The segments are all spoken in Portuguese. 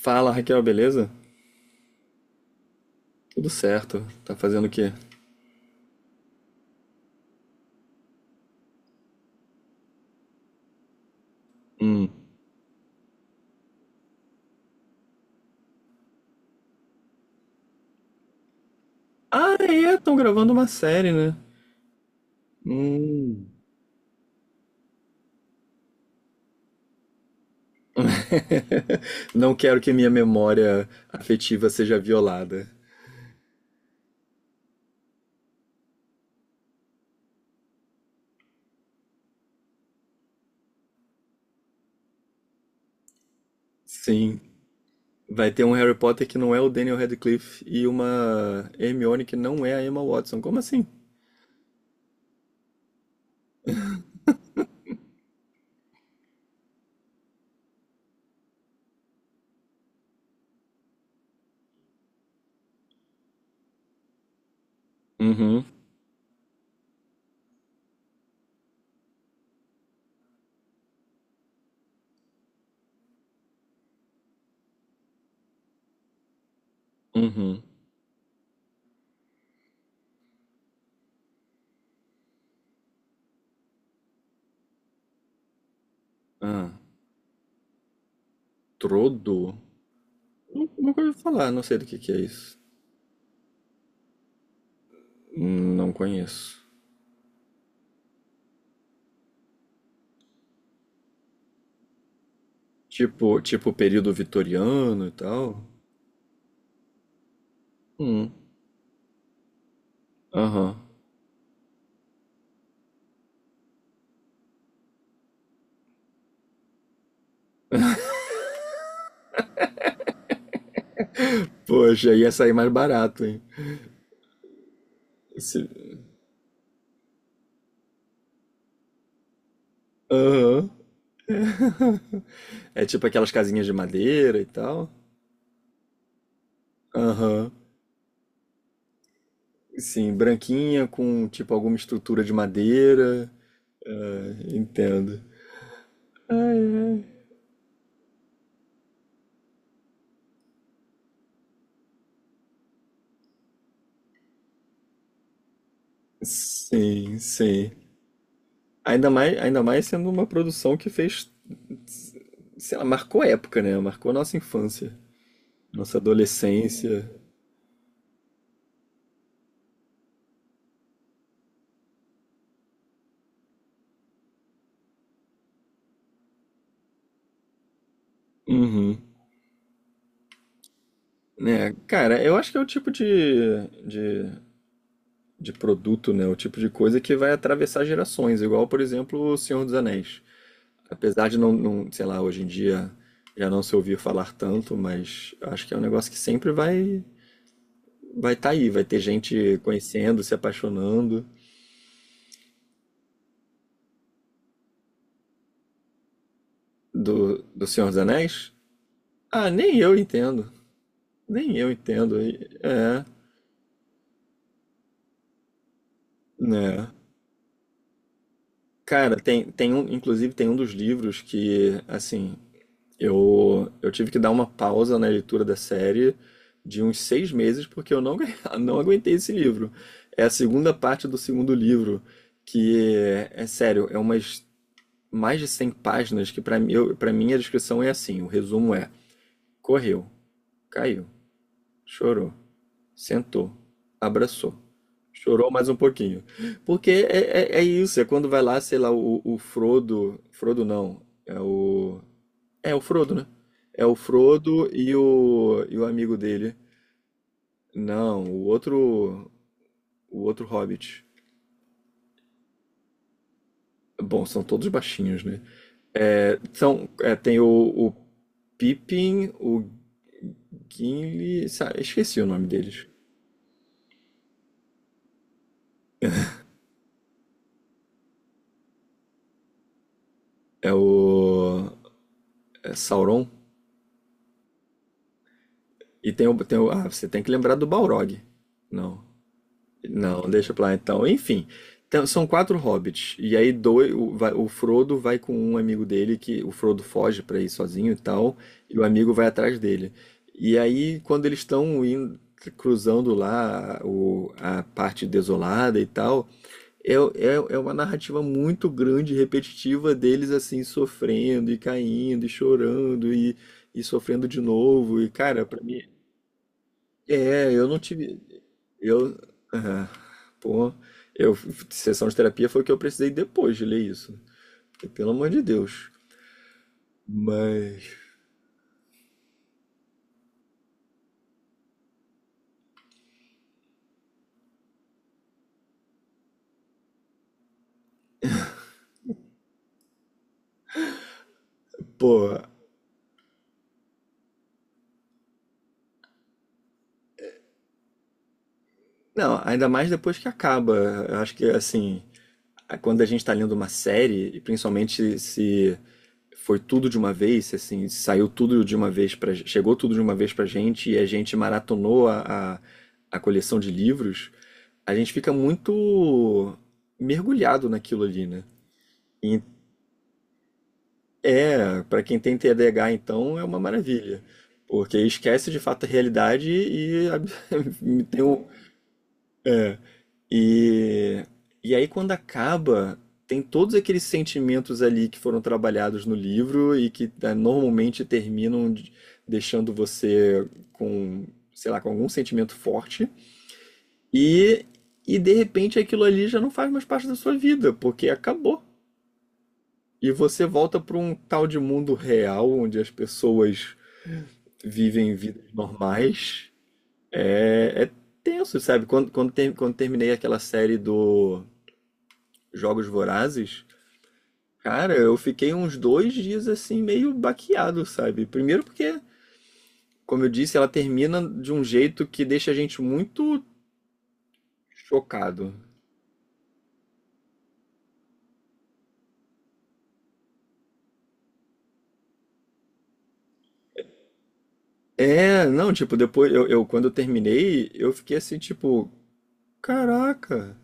Fala, Raquel, beleza? Tudo certo. Tá fazendo o quê? Hum. Ah, é, estão gravando uma série, né? Hum. Não quero que minha memória afetiva seja violada. Sim, vai ter um Harry Potter que não é o Daniel Radcliffe e uma Hermione que não é a Emma Watson. Como assim? Uhum, uhum. Ah, Trodo? Nunca ouvi falar, não sei do que é isso. Não conheço. Tipo, período vitoriano e tal. Hum. Aham. Poxa, ia sair mais barato, hein? Esse Aham. É tipo aquelas casinhas de madeira e tal. Aham. Sim, branquinha com tipo alguma estrutura de madeira. Entendo. Ai, ai. Sim, sim. Ainda mais, sendo uma produção que fez, sei lá, marcou época, né? Marcou nossa infância, nossa adolescência. Uhum. Né, cara, eu acho que é o tipo de produto, né? O tipo de coisa que vai atravessar gerações, igual, por exemplo, O Senhor dos Anéis. Apesar de não, sei lá, hoje em dia já não se ouvir falar tanto, mas acho que é um negócio que sempre vai estar aí, vai ter gente conhecendo, se apaixonando do Senhor dos Anéis. Ah, nem eu entendo. Nem eu entendo. É, né? Cara, tem um, inclusive tem um dos livros que, assim, eu tive que dar uma pausa na leitura da série de uns 6 meses, porque eu não, não aguentei esse livro. É a segunda parte do segundo livro, que é sério, é umas mais de 100 páginas, que para mim, pra mim a descrição é assim, o resumo é, correu, caiu, chorou, sentou, abraçou, chorou mais um pouquinho. Porque é isso, é quando vai lá, sei lá, o Frodo, Frodo não, é o... É o Frodo, né? É o Frodo e o amigo dele. Não, o outro Hobbit. Bom, são todos baixinhos, né? É, são, é, tem o Pippin, o Gimli, esqueci o nome deles. É o é Sauron. Ah, você tem que lembrar do Balrog. Não. Não, deixa pra lá então. Enfim, então, são 4 hobbits. E aí dois, o Frodo vai com um amigo dele, que o Frodo foge pra ir sozinho e tal, e o amigo vai atrás dele. E aí, quando eles estão cruzando lá a parte desolada e tal, é uma narrativa muito grande, e repetitiva deles assim, sofrendo e caindo e chorando e sofrendo de novo. E cara, pra mim eu não tive. Eu. Ah, pô, eu. Sessão de terapia foi o que eu precisei depois de ler isso. Porque, pelo amor de Deus. Mas. Pô. Não, ainda mais depois que acaba. Eu acho que, assim. Quando a gente tá lendo uma série, e principalmente se foi tudo de uma vez, se, assim, saiu tudo de uma vez pra. Chegou tudo de uma vez pra gente e a gente maratonou a, a coleção de livros, a gente fica muito mergulhado naquilo ali, né? É, para quem tem TDAH, então, é uma maravilha, porque esquece de fato a realidade e, tem um- e, e aí quando acaba, tem todos aqueles sentimentos ali que foram trabalhados no livro e que ah, normalmente terminam deixando você com, sei lá, com algum sentimento forte e, e de repente aquilo ali já não faz mais parte da sua vida, porque acabou. E você volta para um tal de mundo real onde as pessoas vivem vidas normais. É, é tenso, sabe? Quando terminei aquela série do Jogos Vorazes, cara, eu fiquei uns 2 dias assim, meio baqueado, sabe? Primeiro porque, como eu disse, ela termina de um jeito que deixa a gente muito chocado. É, não, tipo, depois, eu, quando eu terminei, eu fiquei assim, tipo, caraca,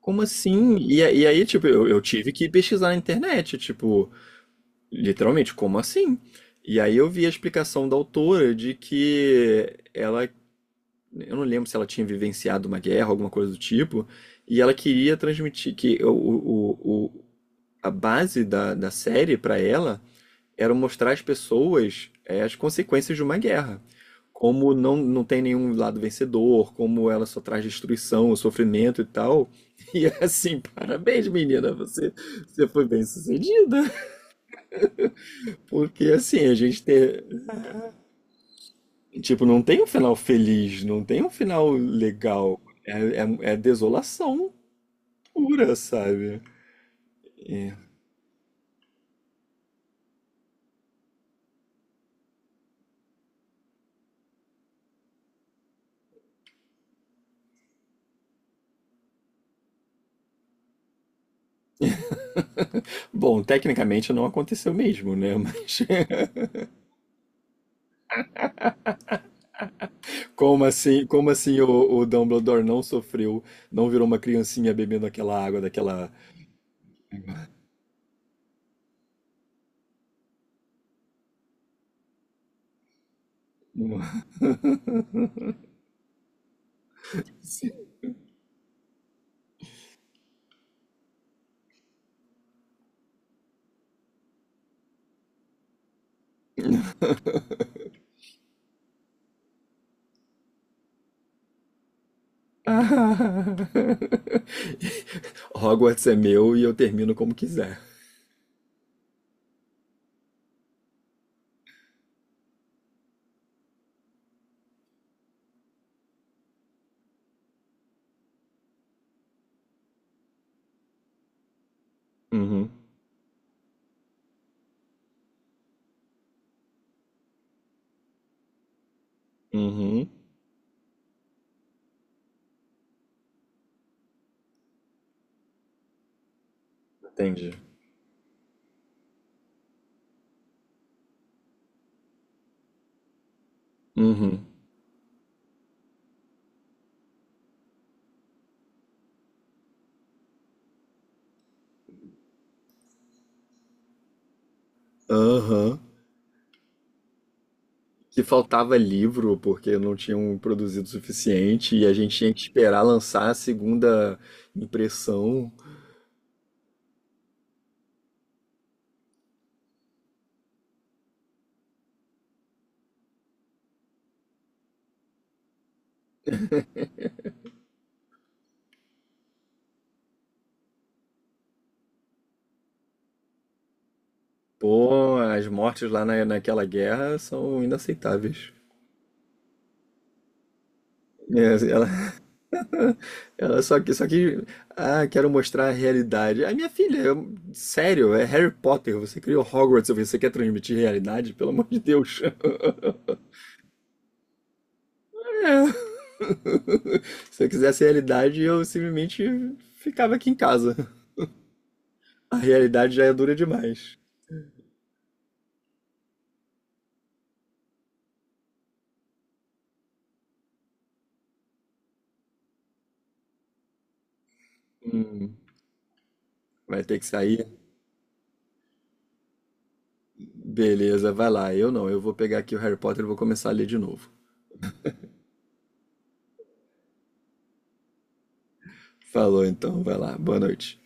como assim? E e aí, tipo, eu tive que pesquisar na internet, tipo, literalmente, como assim? E aí eu vi a explicação da autora de que ela, eu não lembro se ela tinha vivenciado uma guerra, alguma coisa do tipo, e ela queria transmitir que a base da série para ela era mostrar às pessoas as consequências de uma guerra. Como não tem nenhum lado vencedor, como ela só traz destruição, sofrimento e tal. E é assim, parabéns, menina, você foi bem sucedida. Porque assim, a gente tipo, não tem um final feliz, não tem um final legal. É, é desolação pura, sabe? É. Bom, tecnicamente não aconteceu mesmo, né? Mas como assim o Dumbledore não sofreu, não virou uma criancinha bebendo aquela água daquela. Sim. Ah. Hogwarts é meu e eu termino como quiser. Uhum. Uhum. Entendi. Uhum. Aham. Que faltava livro porque não tinham produzido o suficiente e a gente tinha que esperar lançar a segunda impressão. Pô, as mortes lá naquela guerra são inaceitáveis. É, assim, ela, ela só que, ah, quero mostrar a realidade. A minha filha, sério, é Harry Potter. Você criou Hogwarts, você quer transmitir realidade? Pelo amor de Deus. É. Se eu quisesse realidade, eu simplesmente ficava aqui em casa. A realidade já é dura demais. Vai ter que sair? Beleza, vai lá. Eu não, eu vou pegar aqui o Harry Potter e vou começar a ler de novo. Falou então, vai lá. Boa noite.